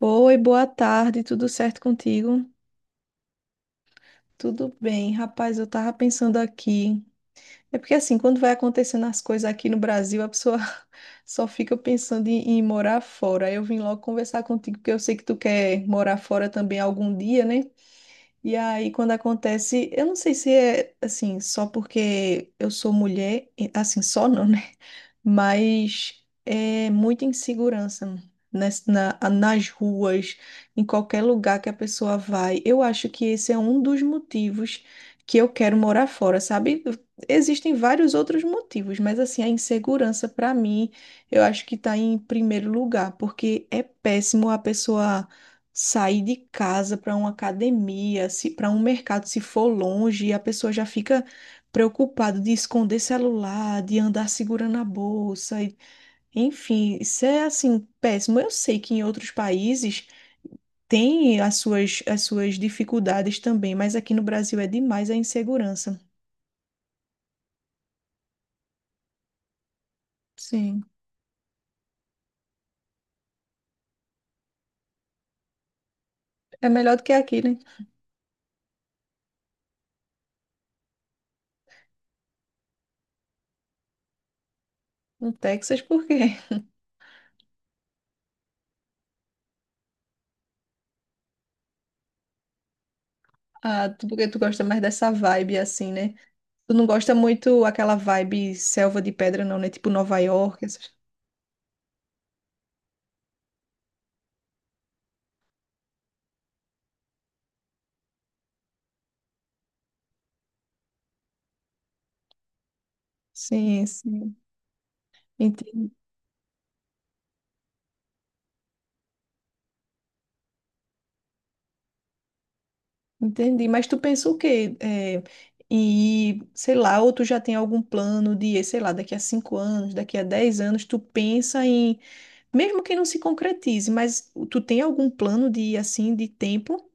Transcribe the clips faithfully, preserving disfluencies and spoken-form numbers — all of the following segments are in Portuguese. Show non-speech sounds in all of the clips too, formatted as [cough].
Oi, boa tarde, tudo certo contigo? Tudo bem, rapaz, eu tava pensando aqui. É porque assim, quando vai acontecendo as coisas aqui no Brasil, a pessoa [laughs] só fica pensando em, em morar fora. Eu vim logo conversar contigo, porque eu sei que tu quer morar fora também algum dia, né? E aí, quando acontece, eu não sei se é assim, só porque eu sou mulher, e- assim, só não, né? Mas é muita insegurança nas, na- nas ruas, em qualquer lugar que a pessoa vai. Eu acho que esse é um dos motivos que eu quero morar fora, sabe? Existem vários outros motivos, mas assim, a insegurança, para mim, eu acho que tá em primeiro lugar, porque é péssimo a pessoa sair de casa para uma academia, se para um mercado, se for longe, e a pessoa já fica preocupada de esconder celular, de andar segurando a bolsa, e- enfim, isso é assim péssimo. Eu sei que em outros países tem as suas as suas dificuldades também, mas aqui no Brasil é demais a insegurança. Sim, é melhor do que aqui, né? No Texas, por quê? [laughs] Ah, tu- porque tu gosta mais dessa vibe assim, né? Tu não gosta muito aquela vibe selva de pedra, não, né? Tipo Nova York, essas... Sim, sim, entendi. Entendi. Mas tu pensa o quê? É, e, sei lá, ou tu já tem algum plano de, sei lá, daqui a cinco anos, daqui a dez anos, tu pensa em, mesmo que não se concretize, mas tu tem algum plano de, assim, de tempo?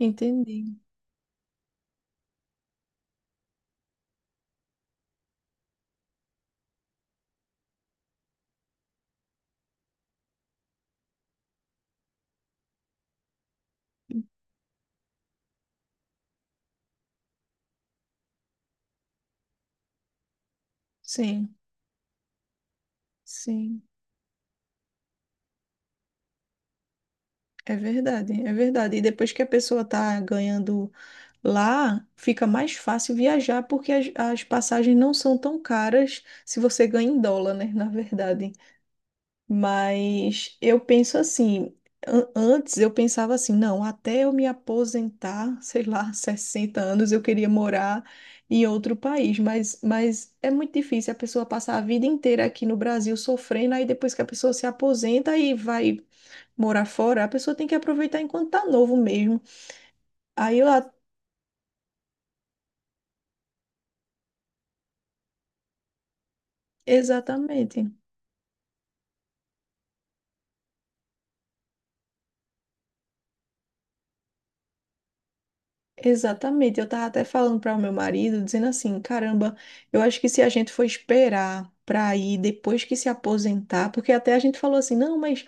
Entendi. Sim, sim, é verdade, é verdade. E depois que a pessoa tá ganhando lá, fica mais fácil viajar, porque as, as passagens não são tão caras se você ganha em dólar, né? Na verdade. Mas eu penso assim, an- antes eu pensava assim, não, até eu me aposentar, sei lá, [laughs] sessenta anos, eu queria morar em outro país, mas, mas é muito difícil a pessoa passar a vida inteira aqui no Brasil sofrendo, aí depois que a pessoa se aposenta e vai morar fora, a pessoa tem que aproveitar enquanto tá novo mesmo. Aí eu, a- Exatamente. Exatamente, eu tava até falando para o meu marido, dizendo assim, caramba, eu acho que se a gente for esperar para ir depois que se aposentar, porque até a gente falou assim, não, mas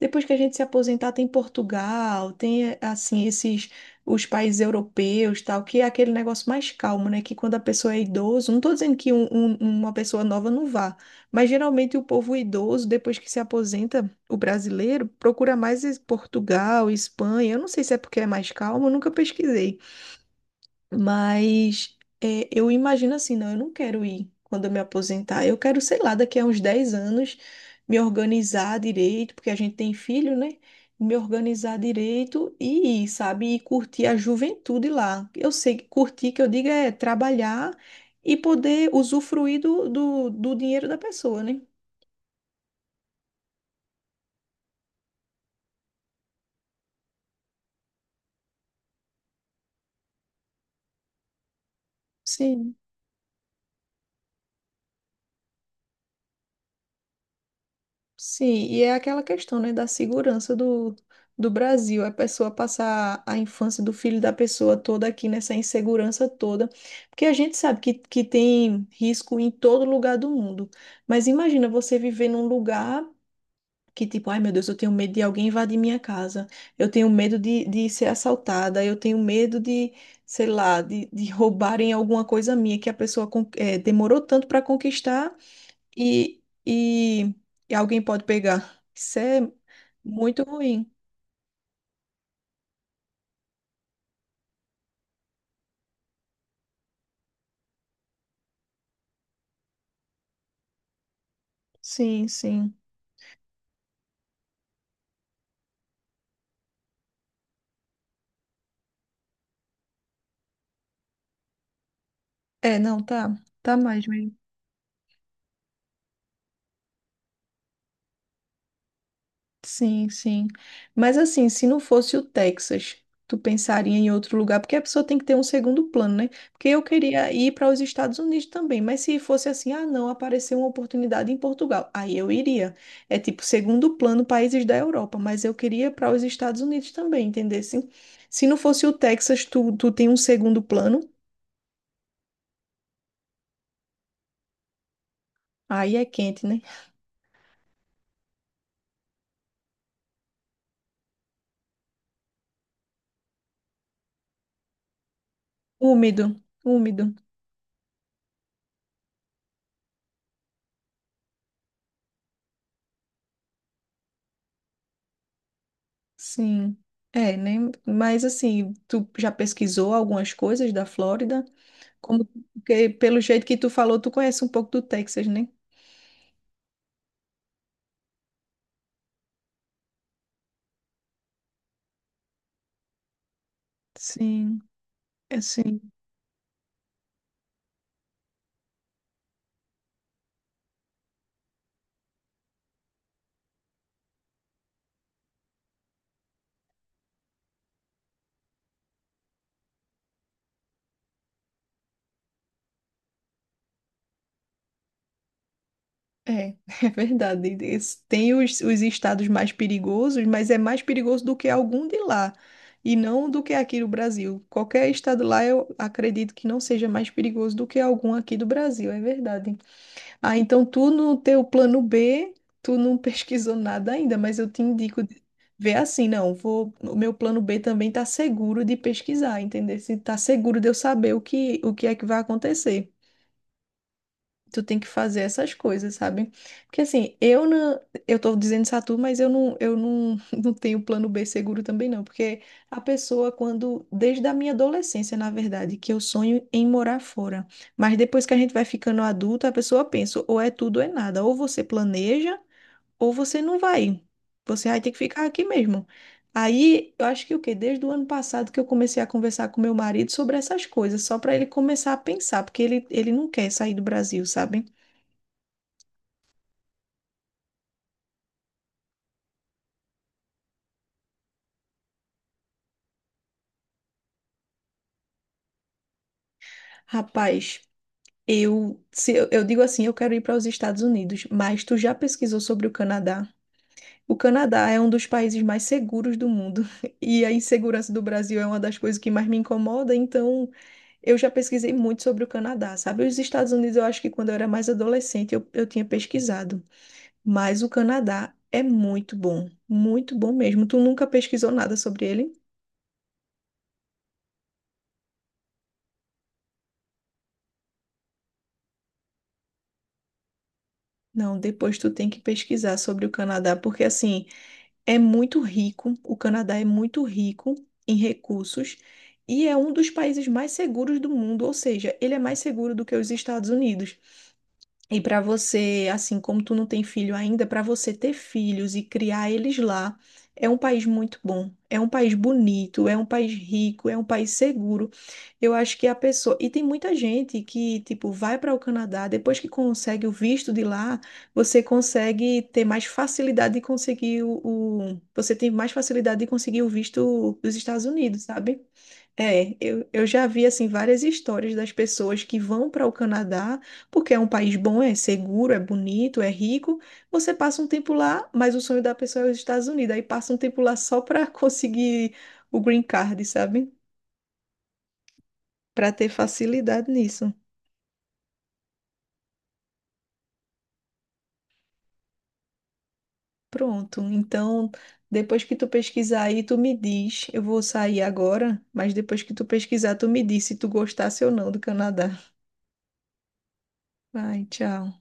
depois que a gente se aposentar tem Portugal, tem eh, assim esses os países europeus, tal, que é aquele negócio mais calmo, né? Que quando a pessoa é idoso, não tô dizendo que um- um- uma pessoa nova não vá, mas geralmente o povo idoso, depois que se aposenta, o brasileiro procura mais es- Portugal, Espanha. Eu não sei se é porque é mais calmo, eu nunca pesquisei. Mas é, eu imagino assim, não, eu não quero ir quando eu me aposentar. Eu quero, sei lá, daqui a uns dez anos me organizar direito, porque a gente tem filho, né? Me organizar direito e ir, sabe? E curtir a juventude lá. Eu sei que curtir, que eu digo, é trabalhar e poder usufruir do, do, do dinheiro da pessoa, né? Sim. Sim, e é aquela questão, né, da segurança do, do Brasil, a pessoa passar a infância do filho da pessoa toda aqui nessa insegurança toda, porque a gente sabe que, que tem risco em todo lugar do mundo, mas imagina você viver num lugar que tipo, ai meu Deus, eu tenho medo de alguém invadir minha casa, eu tenho medo de, de ser assaltada, eu tenho medo de, sei lá, de, de roubarem alguma coisa minha que a pessoa con- eh, demorou tanto para conquistar e, e, e alguém pode pegar. Isso é muito ruim. Sim, sim. É, não, tá. Tá mais mesmo. Sim, sim. Mas assim, se não fosse o Texas, tu pensaria em outro lugar, porque a pessoa tem que ter um segundo plano, né? Porque eu queria ir para os Estados Unidos também, mas se fosse assim, ah, não, apareceu uma oportunidade em Portugal, aí eu iria. É tipo segundo plano países da Europa, mas eu queria para os Estados Unidos também, entendesse? Se não fosse o Texas, tu, tu tem um segundo plano. Aí é quente, né? Úmido, úmido. Sim. É, né? Mas assim, tu já pesquisou algumas coisas da Flórida? Como porque pelo jeito que tu falou, tu conhece um pouco do Texas, né? Sim, é sim. É, [laughs] é verdade. Esse- Tem os, os estados mais perigosos, mas é mais perigoso do que algum de lá. E não do que aqui no Brasil. Qualquer estado lá, eu acredito que não seja mais perigoso do que algum aqui do Brasil, é verdade. Ah, então tu no teu plano B, tu não pesquisou nada ainda, mas eu te indico de ver assim, não, vou, o meu plano B também tá seguro de pesquisar, entender? Se tá seguro de eu saber o que, o que é que vai acontecer tu tem que fazer essas coisas, sabe? Porque assim, eu não, eu tô dizendo Satu, mas eu não, eu não, [laughs] não tenho plano B seguro também não, porque a pessoa quando, desde a minha adolescência, na verdade, que eu sonho em morar fora, mas depois que a gente vai ficando adulto, a pessoa pensa, ou é tudo ou é nada, ou você planeja, ou você não vai. Você vai ter que ficar aqui mesmo. Aí, eu acho que o quê? Desde o ano passado que eu comecei a conversar com meu marido sobre essas coisas, só para ele começar a pensar, porque ele, ele não quer sair do Brasil, sabe? Rapaz, eu, se eu, eu digo assim, eu quero ir para os Estados Unidos, mas tu já pesquisou sobre o Canadá? O Canadá é um dos países mais seguros do mundo [laughs] e a insegurança do Brasil é uma das coisas que mais me incomoda, então eu já pesquisei muito sobre o Canadá, sabe? Os Estados Unidos eu acho que quando eu era mais adolescente eu, eu tinha pesquisado, mas o Canadá é muito bom, muito bom mesmo. Tu nunca pesquisou nada sobre ele? Não, depois tu tem que pesquisar sobre o Canadá, porque assim. É muito rico, o Canadá é muito rico em recursos e é um dos países mais seguros do mundo, ou seja, ele é mais seguro do que os Estados Unidos. E para você, assim como tu não tem filho ainda, para você ter filhos e criar eles lá, é um país muito bom, é um país bonito, é um país rico, é um país seguro. Eu acho que a pessoa. E tem muita gente que, tipo, vai para o Canadá, depois que consegue o visto de lá, você consegue ter mais facilidade de conseguir o. o- Você tem mais facilidade de conseguir o visto dos Estados Unidos, sabe? É, eu, eu já vi assim várias histórias das pessoas que vão para o Canadá porque é um país bom, é seguro, é bonito, é rico. Você passa um tempo lá, mas o sonho da pessoa é os Estados Unidos. Aí passa um tempo lá só para [laughs] conseguir o green card, sabe? Para ter facilidade nisso. Pronto. Então, depois que tu pesquisar aí, tu me diz. Eu vou sair agora, mas depois que tu pesquisar, tu me diz se tu gostasse ou não do Canadá. Vai, tchau.